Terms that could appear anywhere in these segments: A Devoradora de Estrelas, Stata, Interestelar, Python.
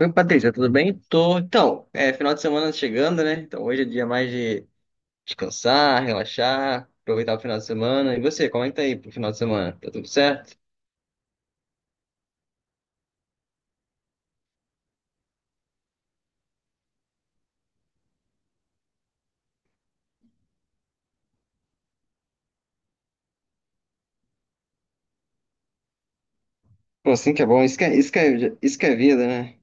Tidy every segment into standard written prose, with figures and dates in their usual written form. Oi, Patrícia, tudo bem? Tô. É final de semana chegando, né? Então hoje é dia mais de descansar, relaxar, aproveitar o final de semana. E você, comenta aí pro final de semana. Tá tudo certo? Pô, sim que é bom. Isso que é vida, né?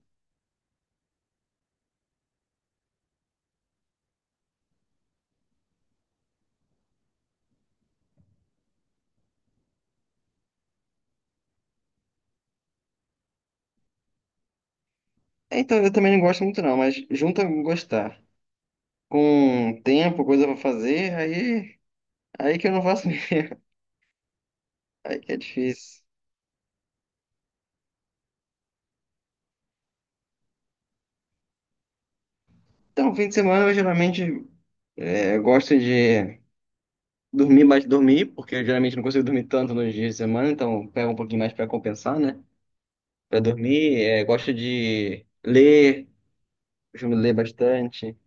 É, então, eu também não gosto muito não, mas junto a gostar. Com tempo, coisa pra fazer, aí que eu não faço mesmo. Aí que é difícil. Então, fim de semana eu geralmente eu gosto de dormir mais dormir, porque eu geralmente não consigo dormir tanto nos dias de semana, então pega um pouquinho mais pra compensar, né? Para dormir, gosto de ler, costumo ler bastante.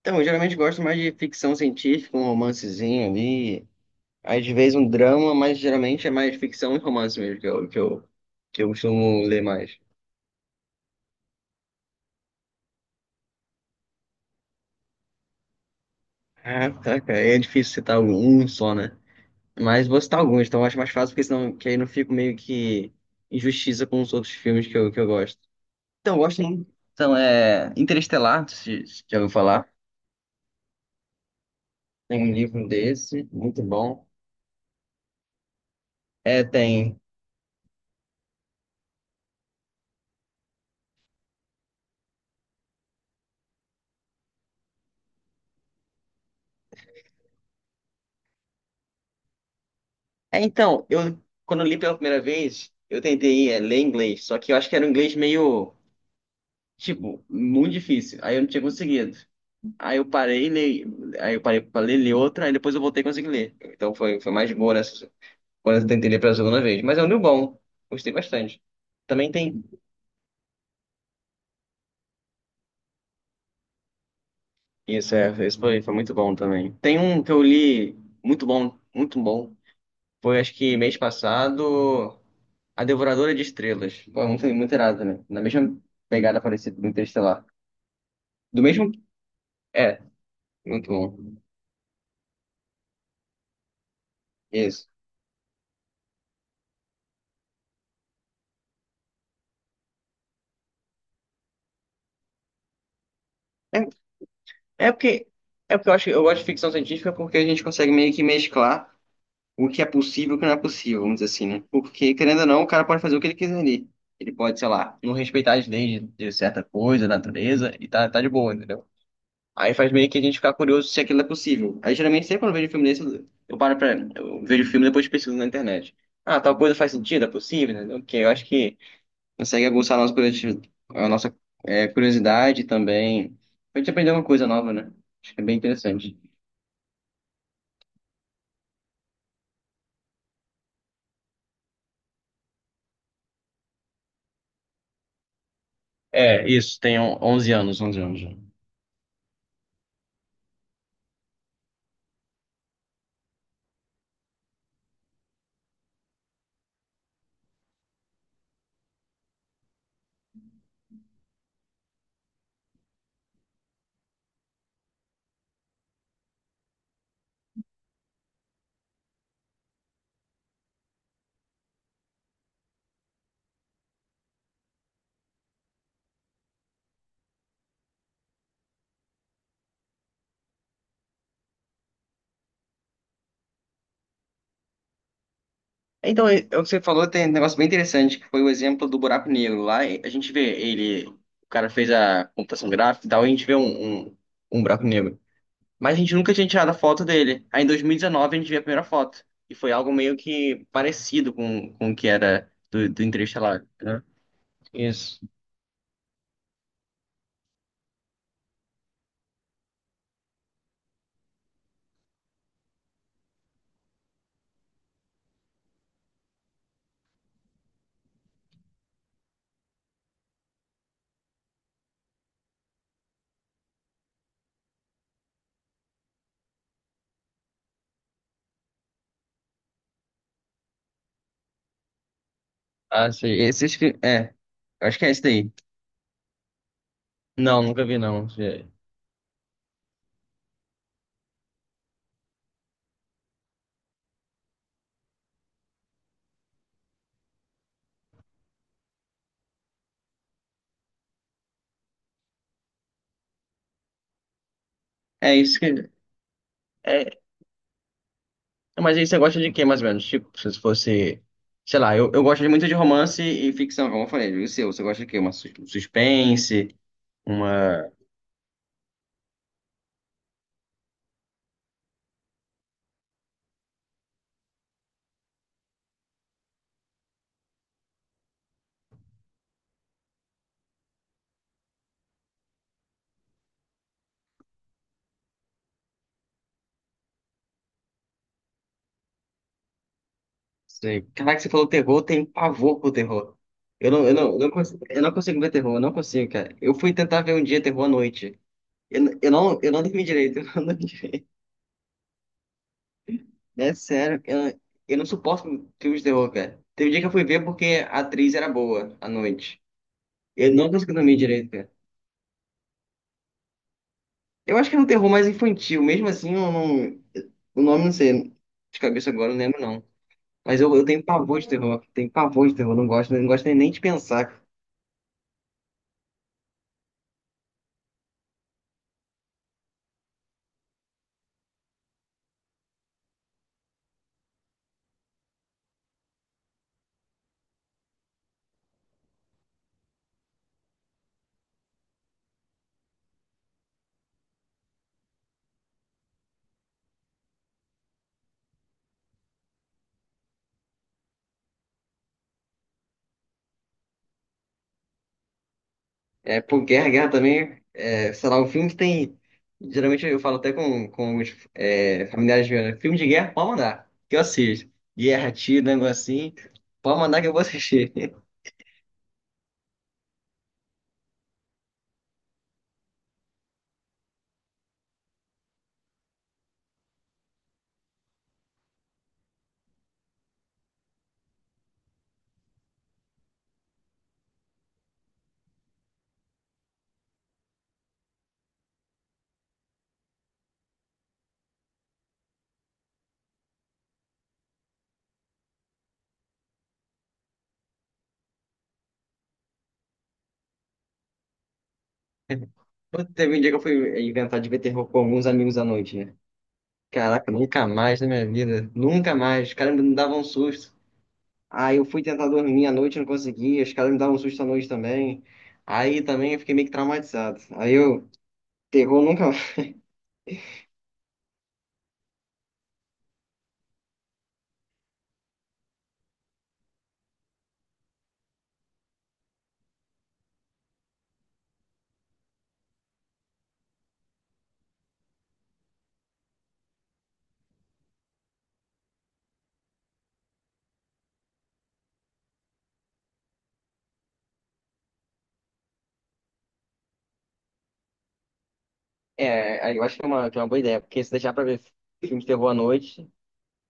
Então, eu geralmente gosto mais de ficção científica, um romancezinho ali, às vezes um drama, mas geralmente é mais ficção e romance mesmo que eu costumo ler mais. Ah, tá, cara, é difícil citar um só, né? Mas vou citar alguns, então eu acho mais fácil, porque senão que aí não fico meio que injustiça com os outros filmes que eu gosto. Então, eu gosto muito. Então, é Interestelar, se já ouviu falar. Tem um livro desse, muito bom. É, tem. É, então, eu quando eu li pela primeira vez, eu tentei ler inglês, só que eu acho que era um inglês meio, tipo, muito difícil. Aí eu não tinha conseguido. Aí eu parei, li, aí eu parei pra ler, li outra, aí depois eu voltei e consegui ler. Então foi mais boa nessa, quando eu tentei ler pela segunda vez. Mas é um livro bom, gostei bastante. Também tem. Isso, esse foi muito bom também. Tem um que eu li muito bom, muito bom. Foi acho que mês passado. A Devoradora de Estrelas. Pô, é muito, muito irado também. Na mesma pegada parecida do Interestelar. Do mesmo. É, muito bom. Isso. É, é porque. É porque eu acho, eu gosto de ficção científica porque a gente consegue meio que mesclar o que é possível e o que não é possível, vamos dizer assim, né? Porque, querendo ou não, o cara pode fazer o que ele quiser ali. Ele pode, sei lá, não respeitar as leis de certa coisa, natureza, e tá de boa, entendeu? Aí faz meio que a gente ficar curioso se aquilo é possível. Aí geralmente sempre quando eu vejo filme desse, eu paro pra. Eu vejo o filme e depois pesquiso na internet. Ah, tal coisa faz sentido, é possível, né? Ok, eu acho que consegue aguçar a nossa curiosidade, a nossa, curiosidade também. A gente aprender uma coisa nova, né? Acho que é bem interessante. É, isso, 11 anos, 11 anos já. É o que você falou, tem um negócio bem interessante, que foi o exemplo do buraco negro. Lá e a gente vê ele, o cara fez a computação gráfica e tal, e a gente vê um buraco negro. Mas a gente nunca tinha tirado a foto dele. Aí em 2019 a gente viu a primeira foto. E foi algo meio que parecido com o que era do, do Interestelar, né? Isso. Ah, sei. Esse acho que. É. Acho que é esse daí. Não, nunca vi, não. É isso que. É... Mas aí você gosta de quê, mais ou menos? Tipo, se fosse. Sei lá, eu gosto muito de romance e ficção, como eu falei. E o seu? Você gosta de quê? Um suspense? Uma. Sei. Caraca, você falou terror, tem pavor pro terror. Eu não, eu não consigo ver terror, eu não consigo, cara. Eu fui tentar ver um dia terror à noite. Eu não dormi direito, eu não dormi direito. É sério, eu não suporto filmes de terror, cara. Teve um dia que eu fui ver porque a atriz era boa à noite. Eu não consegui dormir direito, cara. Eu acho que é um terror mais infantil, mesmo assim, eu não, o nome não sei, de cabeça agora eu não lembro não. Mas eu tenho pavor de terror, tenho pavor de terror, não gosto, não gosto nem de pensar. É, pô, Guerra, Guerra também, é, sei lá, um filme que tem. Geralmente eu falo até com os familiares meus, né? Filme de guerra, pode mandar, que eu assisto. Guerra, tiro, negócio assim, pode mandar que eu vou assistir. Pô, teve um dia que eu fui inventar de ver terror com alguns amigos à noite, né? Caraca, nunca mais na minha vida, nunca mais. Os caras me davam um susto. Aí eu fui tentar dormir à noite, não conseguia, os caras me davam um susto à noite também. Aí também eu fiquei meio que traumatizado. Aí eu, terror nunca É, aí eu acho que é que é uma boa ideia, porque se deixar pra ver filme de terror à noite,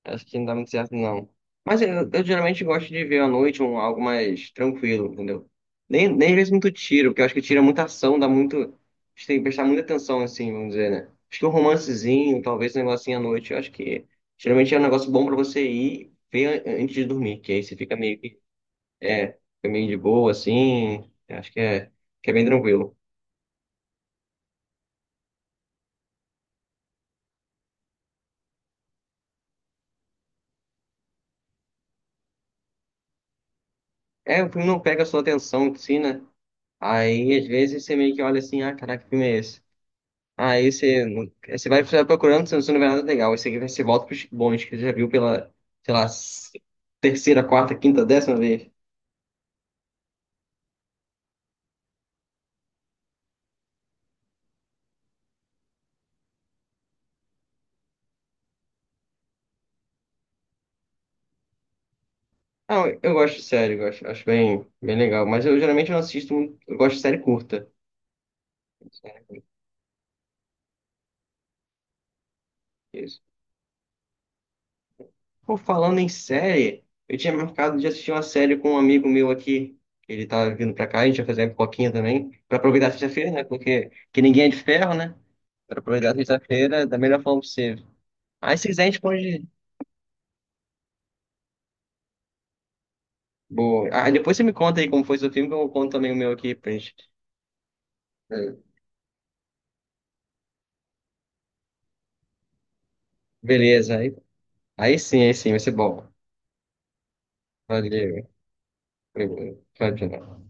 acho que não dá muito certo, não. Mas eu geralmente gosto de ver à noite um, algo mais tranquilo, entendeu? Nem às vezes muito tiro, porque eu acho que tira muita ação, dá muito. A gente tem que prestar muita atenção, assim, vamos dizer, né? Acho que um romancezinho, talvez um negocinho à noite, eu acho que geralmente é um negócio bom pra você ir ver antes de dormir, que aí você fica meio que. É, fica meio de boa, assim. Eu acho que é bem tranquilo. É, o filme não pega a sua atenção, assim, né? Aí, às vezes, você meio que olha assim, ah, caraca, que filme é esse? Aí você, não- você vai procurando, você não vê nada legal. Aí você volta pros bons, que você já viu pela, sei lá, s- terceira, quarta, quinta, décima vez. Ah, eu gosto de série, eu gosto, acho bem, bem legal. Mas eu geralmente não assisto, muito- eu gosto de série curta. Isso. Pô, falando em série, eu tinha marcado de assistir uma série com um amigo meu aqui. Ele tá vindo pra cá, a gente vai fazer uma pipoquinha também. Pra aproveitar a sexta-feira, né? Porque que ninguém é de ferro, né? Pra aproveitar a sexta-feira da melhor forma possível. Aí se quiser a gente pode. Boa. Ah, depois você me conta aí como foi seu filme, que eu conto também o meu aqui pra gente. É. Beleza, aí sim, vai ser bom. Valeu. Tchau, tchau.